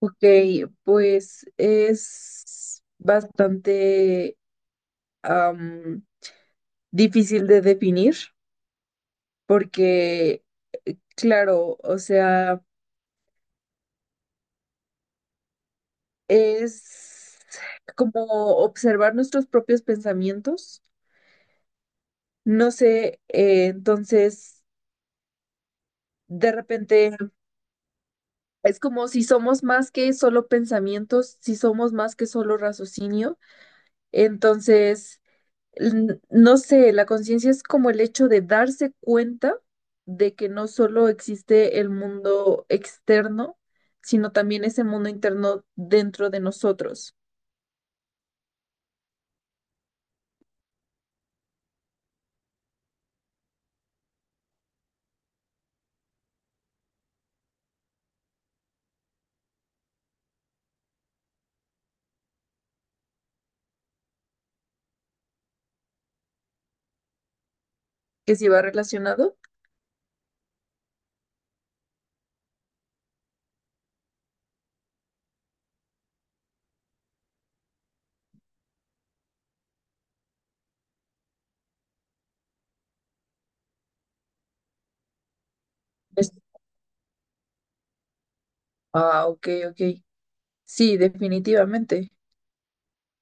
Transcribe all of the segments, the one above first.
Ok, pues es bastante am, difícil de definir porque, claro, o sea, es como observar nuestros propios pensamientos. No sé, entonces, de repente, es como si somos más que solo pensamientos, si somos más que solo raciocinio. Entonces, no sé, la conciencia es como el hecho de darse cuenta de que no solo existe el mundo externo, sino también ese mundo interno dentro de nosotros, que si va relacionado. es- ah, ok, ok. Sí, definitivamente.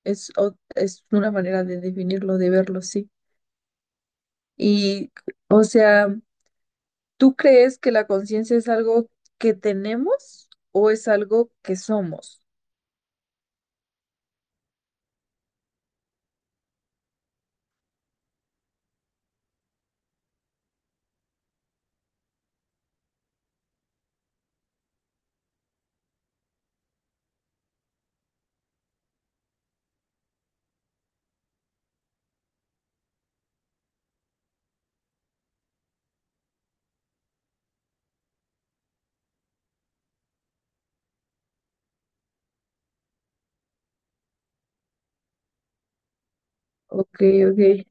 Es, es una manera de definirlo, de verlo, sí. Y, o sea, ¿tú crees que la conciencia es algo que tenemos o es algo que somos? Ok, ok.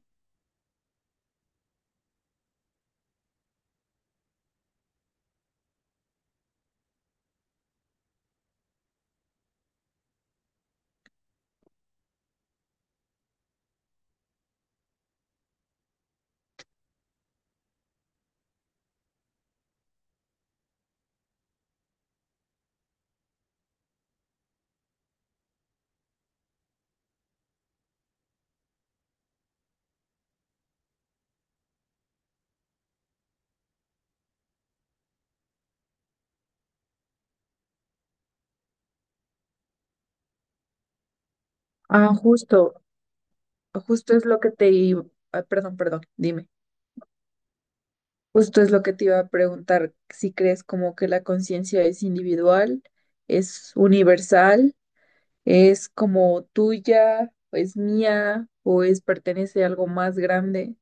Ah, justo, justo es lo que te iba, ah, perdón, perdón, dime. Justo es lo que te iba a preguntar, si crees como que la conciencia es individual, es universal, es como tuya, o es mía, o es pertenece a algo más grande.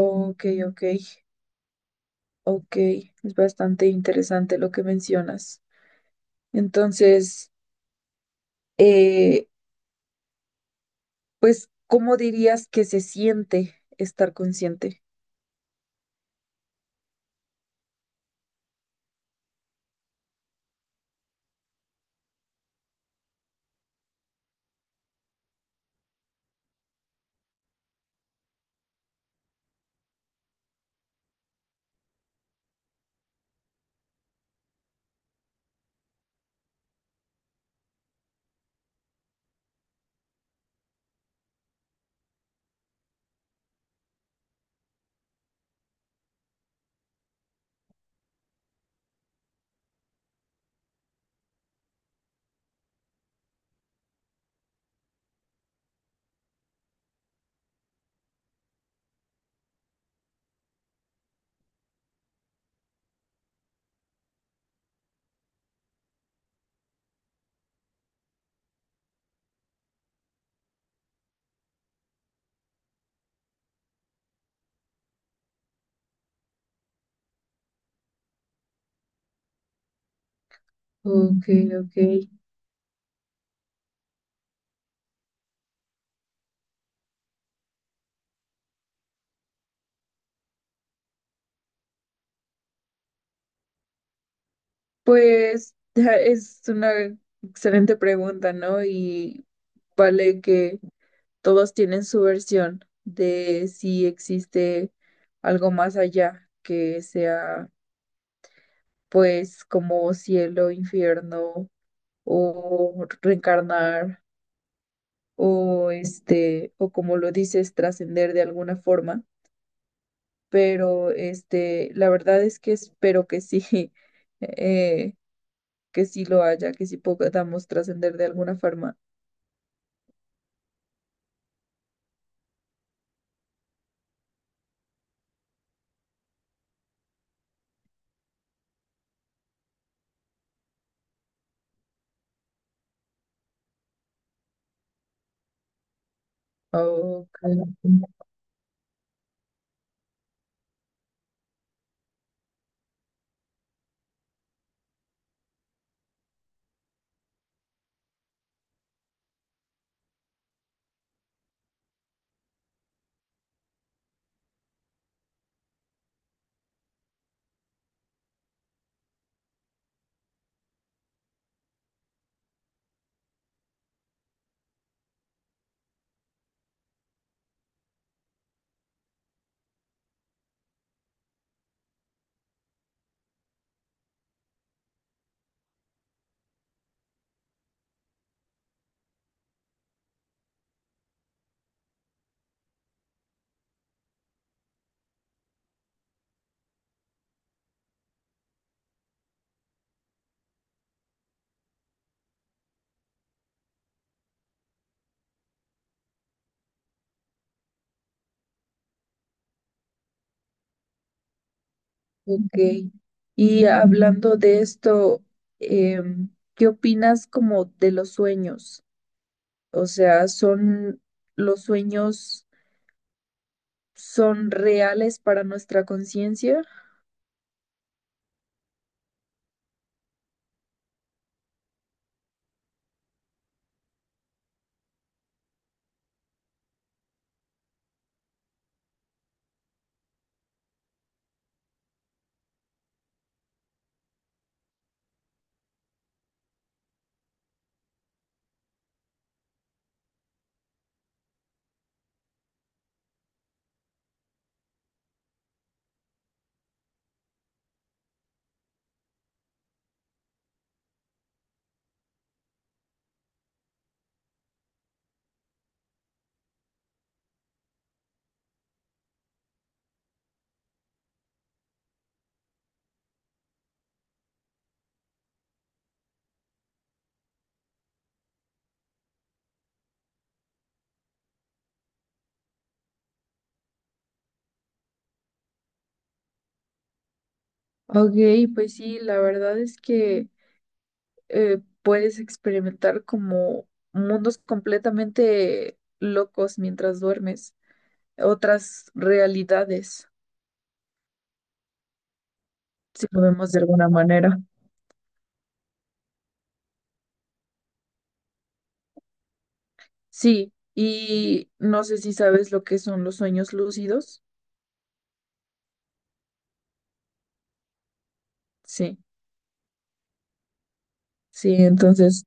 Ok, ok, ok. Es bastante interesante lo que mencionas. Entonces, eh, pues, ¿cómo dirías que se siente estar consciente? Ok, ok. Pues es una excelente pregunta, ¿no? Y vale que todos tienen su versión de si existe algo más allá que sea, pues, como cielo, infierno o reencarnar o este, o como lo dices, trascender de alguna forma. Pero este, la verdad es que espero que sí, eh, que sí lo haya, que sí podamos trascender de alguna forma. Ok, ok. Y hablando de esto, ¿qué opinas como de los sueños? O sea, ¿son los sueños son reales para nuestra conciencia? Ok, pues sí, la verdad es que puedes experimentar como mundos completamente locos mientras duermes, otras realidades, si lo vemos de alguna manera. Sí, y no sé si sabes lo que son los sueños lúcidos. Sí, sí, entonces,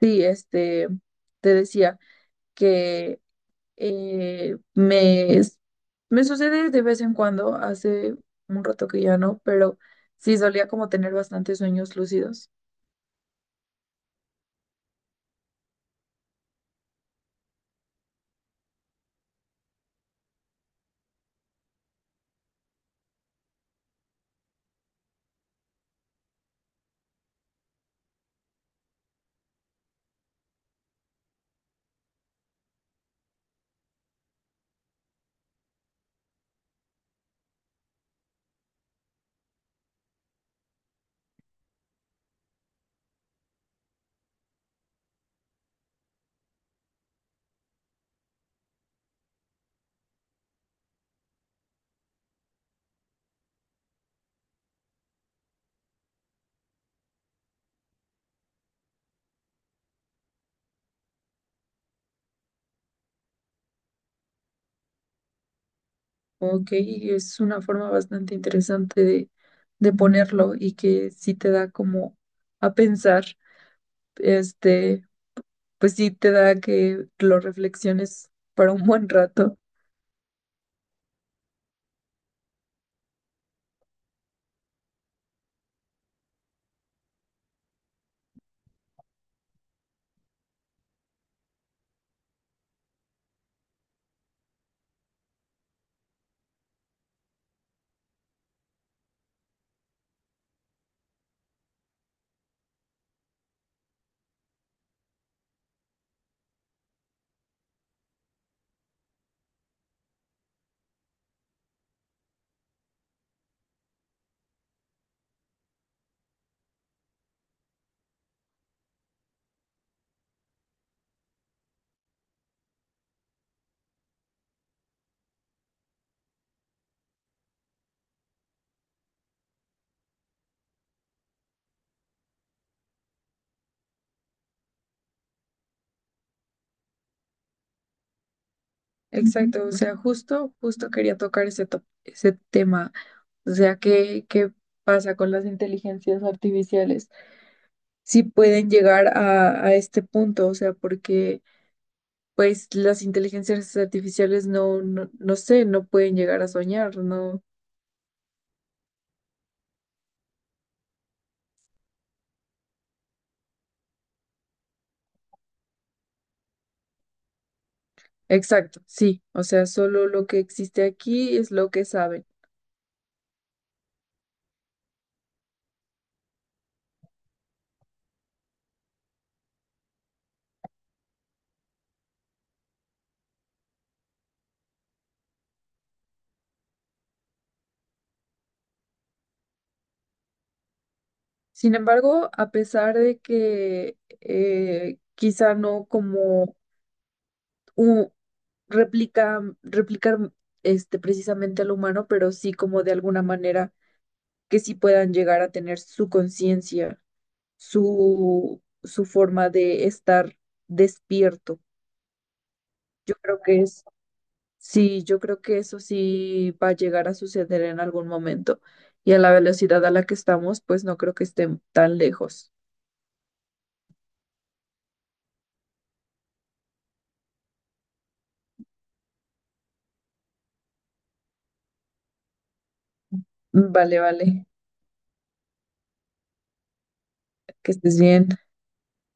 sí, este, te decía que eh, me, es- me sucede de vez en cuando, hace un rato que ya no, pero sí solía como tener bastantes sueños lúcidos. Ok, es una forma bastante interesante de ponerlo y que sí te da como a pensar. Este, pues sí te da que lo reflexiones para un buen rato. Exacto, o sea, justo, justo quería tocar ese, ese tema. O sea, ¿qué, qué pasa con las inteligencias artificiales? Si pueden llegar a este punto, o sea, porque pues las inteligencias artificiales no sé, no pueden llegar a soñar, ¿no? Exacto, sí, o sea, solo lo que existe aquí es lo que saben. Sin embargo, a pesar de que quizá no como un, replicar este, precisamente al humano, pero sí como de alguna manera que sí puedan llegar a tener su conciencia, su forma de estar despierto. Yo creo que es, sí, yo creo que eso sí va a llegar a suceder en algún momento. Y a la velocidad a la que estamos, pues no creo que estén tan lejos. Vale, vale, que estés bien.